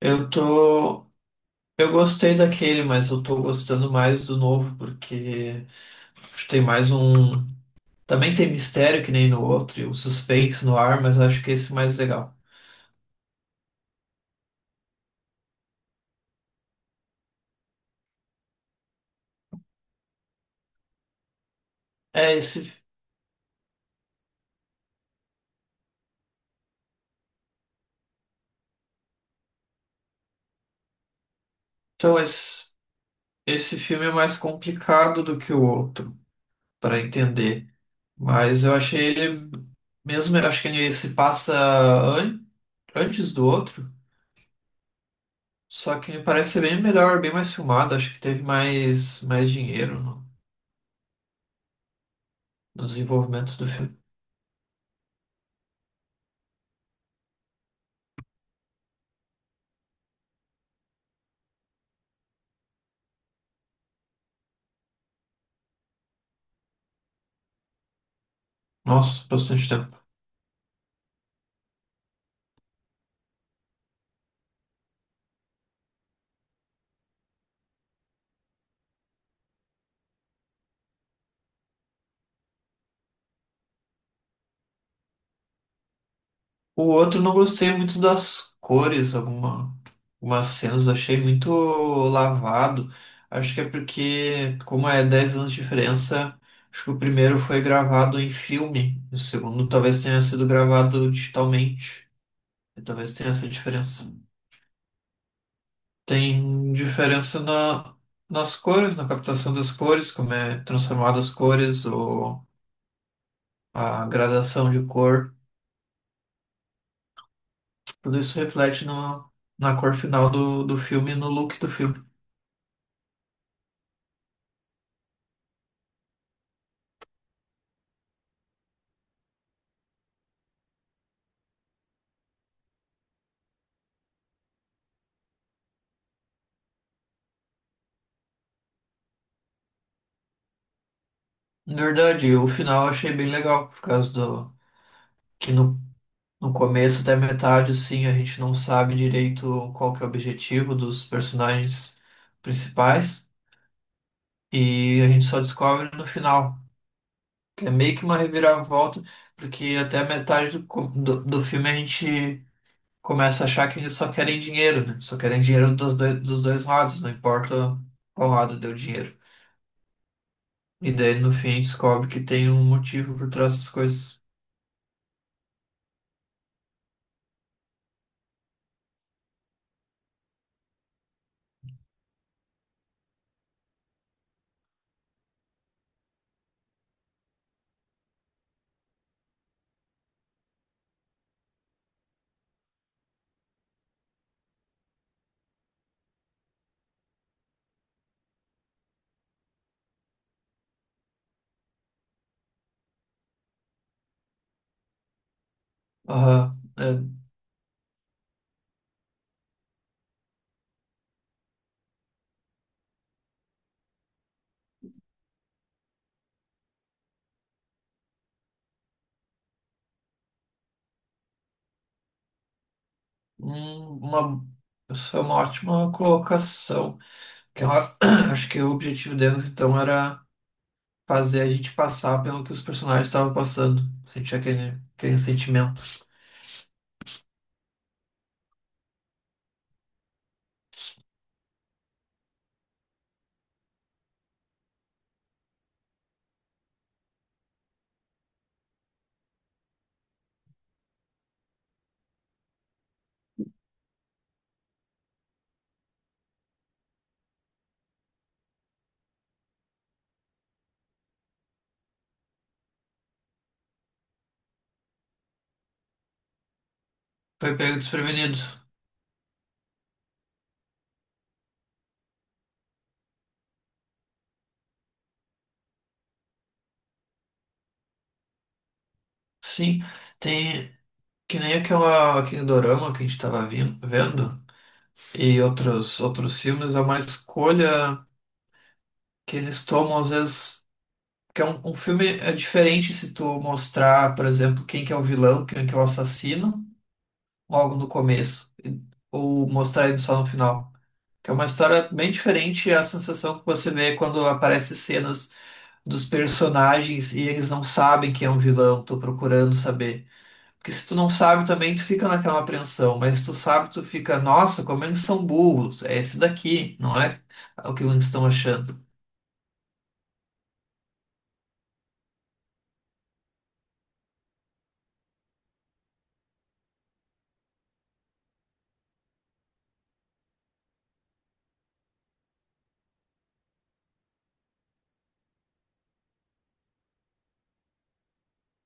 Eu tô. Eu gostei daquele, mas eu tô gostando mais do novo, porque acho que tem mais um. Também tem mistério que nem no outro, e o suspense no ar, mas acho que esse é mais legal. É, esse. Então, esse, esse filme é mais complicado do que o outro, para entender. Mas eu achei ele. Mesmo, eu acho que ele se passa antes do outro, só que me parece ser bem melhor, bem mais filmado. Acho que teve mais dinheiro no desenvolvimento do filme. Nossa, bastante tempo. O outro não gostei muito das cores, algumas cenas achei muito lavado. Acho que é porque, como é 10 anos de diferença, acho que o primeiro foi gravado em filme, o segundo talvez tenha sido gravado digitalmente. E talvez tenha essa diferença. Tem diferença na, nas cores, na captação das cores, como é transformado as cores ou a gradação de cor. Tudo isso reflete no, na cor final do filme e no look do filme. Na verdade, o final eu achei bem legal, por causa do que no começo até metade, assim, a gente não sabe direito qual que é o objetivo dos personagens principais. E a gente só descobre no final, que é meio que uma reviravolta, porque até a metade do do filme a gente começa a achar que eles só querem dinheiro, né? Só querem dinheiro dos dois lados, não importa qual lado deu dinheiro. E daí no fim descobre que tem um motivo por trás das coisas. Aham. Um- uma, isso é uma ótima colocação. Que é uma- acho que o objetivo deles então era fazer a gente passar pelo que os personagens estavam passando. Sentir aquele sentimento. Foi pego desprevenido. Sim, tem que nem aquele dorama que a gente estava vendo e outros filmes, é uma escolha que eles tomam às vezes. Porque é um filme é diferente se tu mostrar, por exemplo, quem que é o vilão, quem que é o assassino, logo no começo, ou mostrar ele só no final. Que é uma história bem diferente, é a sensação que você vê quando aparecem cenas dos personagens e eles não sabem quem é um vilão, tô procurando saber. Porque se tu não sabe também, tu fica naquela apreensão, mas se tu sabe, tu fica, nossa, como eles são burros, é esse daqui, não é. É o que eles estão achando.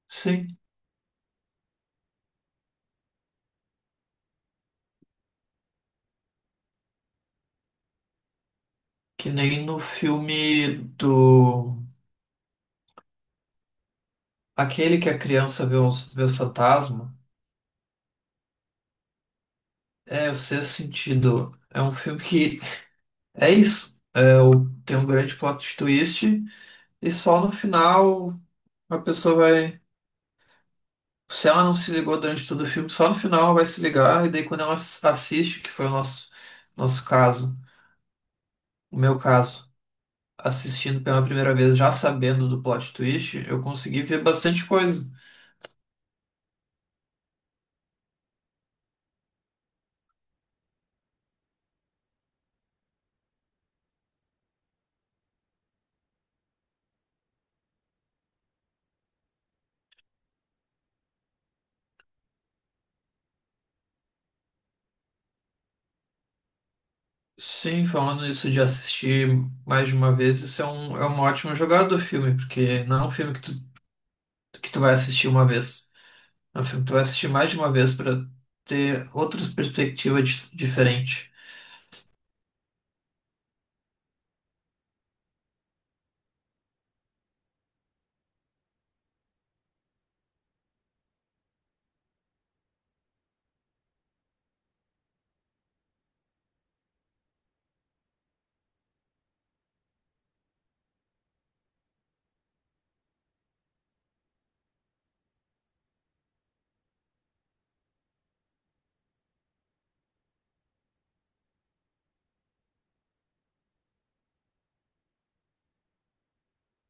Sim, que nem no filme do. Aquele que a criança vê vê os fantasmas é o Sexto Sentido. É um filme que é isso. É, tem um grande plot twist e só no final a pessoa vai. Se ela não se ligou durante todo o filme, só no final ela vai se ligar e daí quando ela assiste, que foi nosso caso, o meu caso, assistindo pela primeira vez, já sabendo do plot twist, eu consegui ver bastante coisa. Sim, falando isso de assistir mais de uma vez, isso é é uma ótima jogada do filme, porque não é um filme que tu vai assistir uma vez. É um filme que tu vai assistir mais de uma vez para ter outras perspectivas diferentes.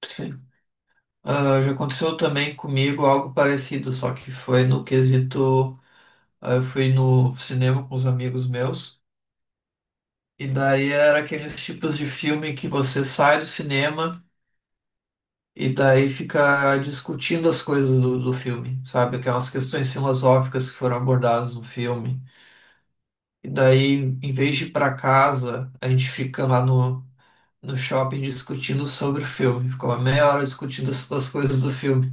Sim. Ah, já aconteceu também comigo algo parecido, só que foi no quesito. Ah, eu fui no cinema com os amigos meus, e daí era aqueles tipos de filme que você sai do cinema. E daí fica discutindo as coisas do filme, sabe? Aquelas questões filosóficas que foram abordadas no filme. E daí, em vez de ir pra casa, a gente fica lá no, no shopping discutindo sobre o filme. Fica uma meia hora discutindo as coisas do filme.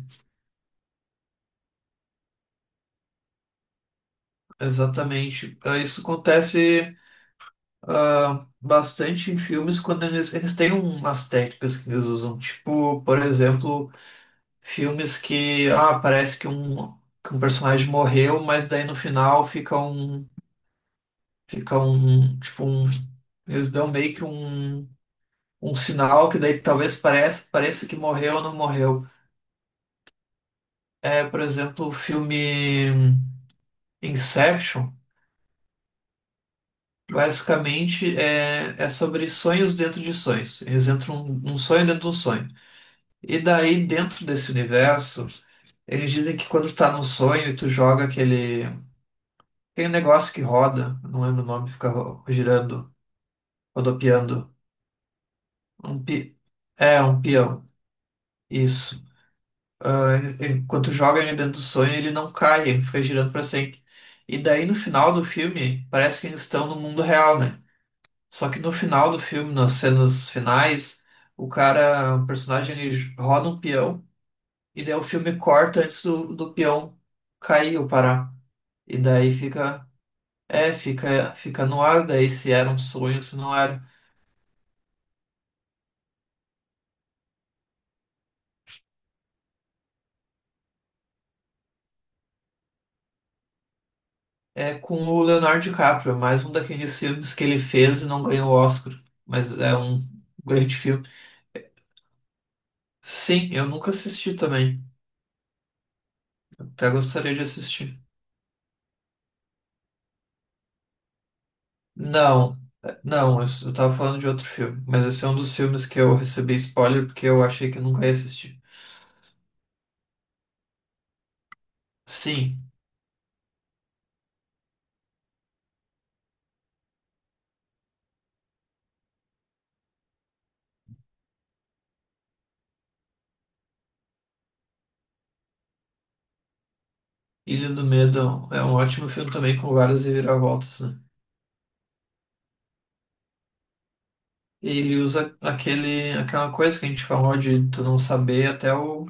Exatamente. Ah, isso acontece, ah, bastante em filmes quando eles têm umas técnicas que eles usam. Tipo, por exemplo, filmes que, ah, parece que um personagem morreu, mas daí no final fica um, tipo um, eles dão meio que um sinal que daí talvez pareça, pareça que morreu ou não morreu. É, por exemplo, o filme Inception, basicamente é sobre sonhos dentro de sonhos. Eles entram um sonho dentro de um sonho. E daí, dentro desse universo, eles dizem que quando tu tá num sonho e tu joga aquele. Tem um negócio que roda, não lembro o nome, fica girando, rodopiando. Um pi... É, um peão. Isso. Ah, ele- enquanto joga ele dentro do sonho, ele não cai, ele fica girando pra sempre. E daí no final do filme, parece que eles estão no mundo real, né? Só que no final do filme, nas cenas finais, o cara, o personagem, ele roda um peão, e daí o filme corta antes do peão cair ou parar. E daí fica. É, fica no ar daí se era um sonho, se não era. É com o Leonardo DiCaprio, é mais um daqueles filmes que ele fez e não ganhou o Oscar, mas é um grande filme. Sim, eu nunca assisti também. Até gostaria de assistir. Não, não, eu eu tava falando de outro filme, mas esse é um dos filmes que eu recebi spoiler porque eu achei que eu nunca ia assistir. Sim, Ilha do Medo é é um ótimo filme também com várias reviravoltas, né? Ele usa aquela coisa que a gente falou de tu não saber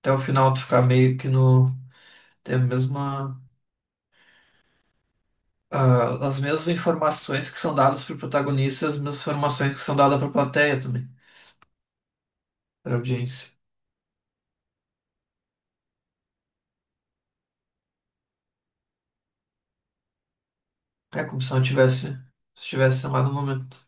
até o final, tu ficar meio que no, tem a mesma, ah, as mesmas informações que são dadas para o protagonista, as mesmas informações que são dadas para a plateia também, para a audiência. É como se não tivesse, se tivesse lá no momento.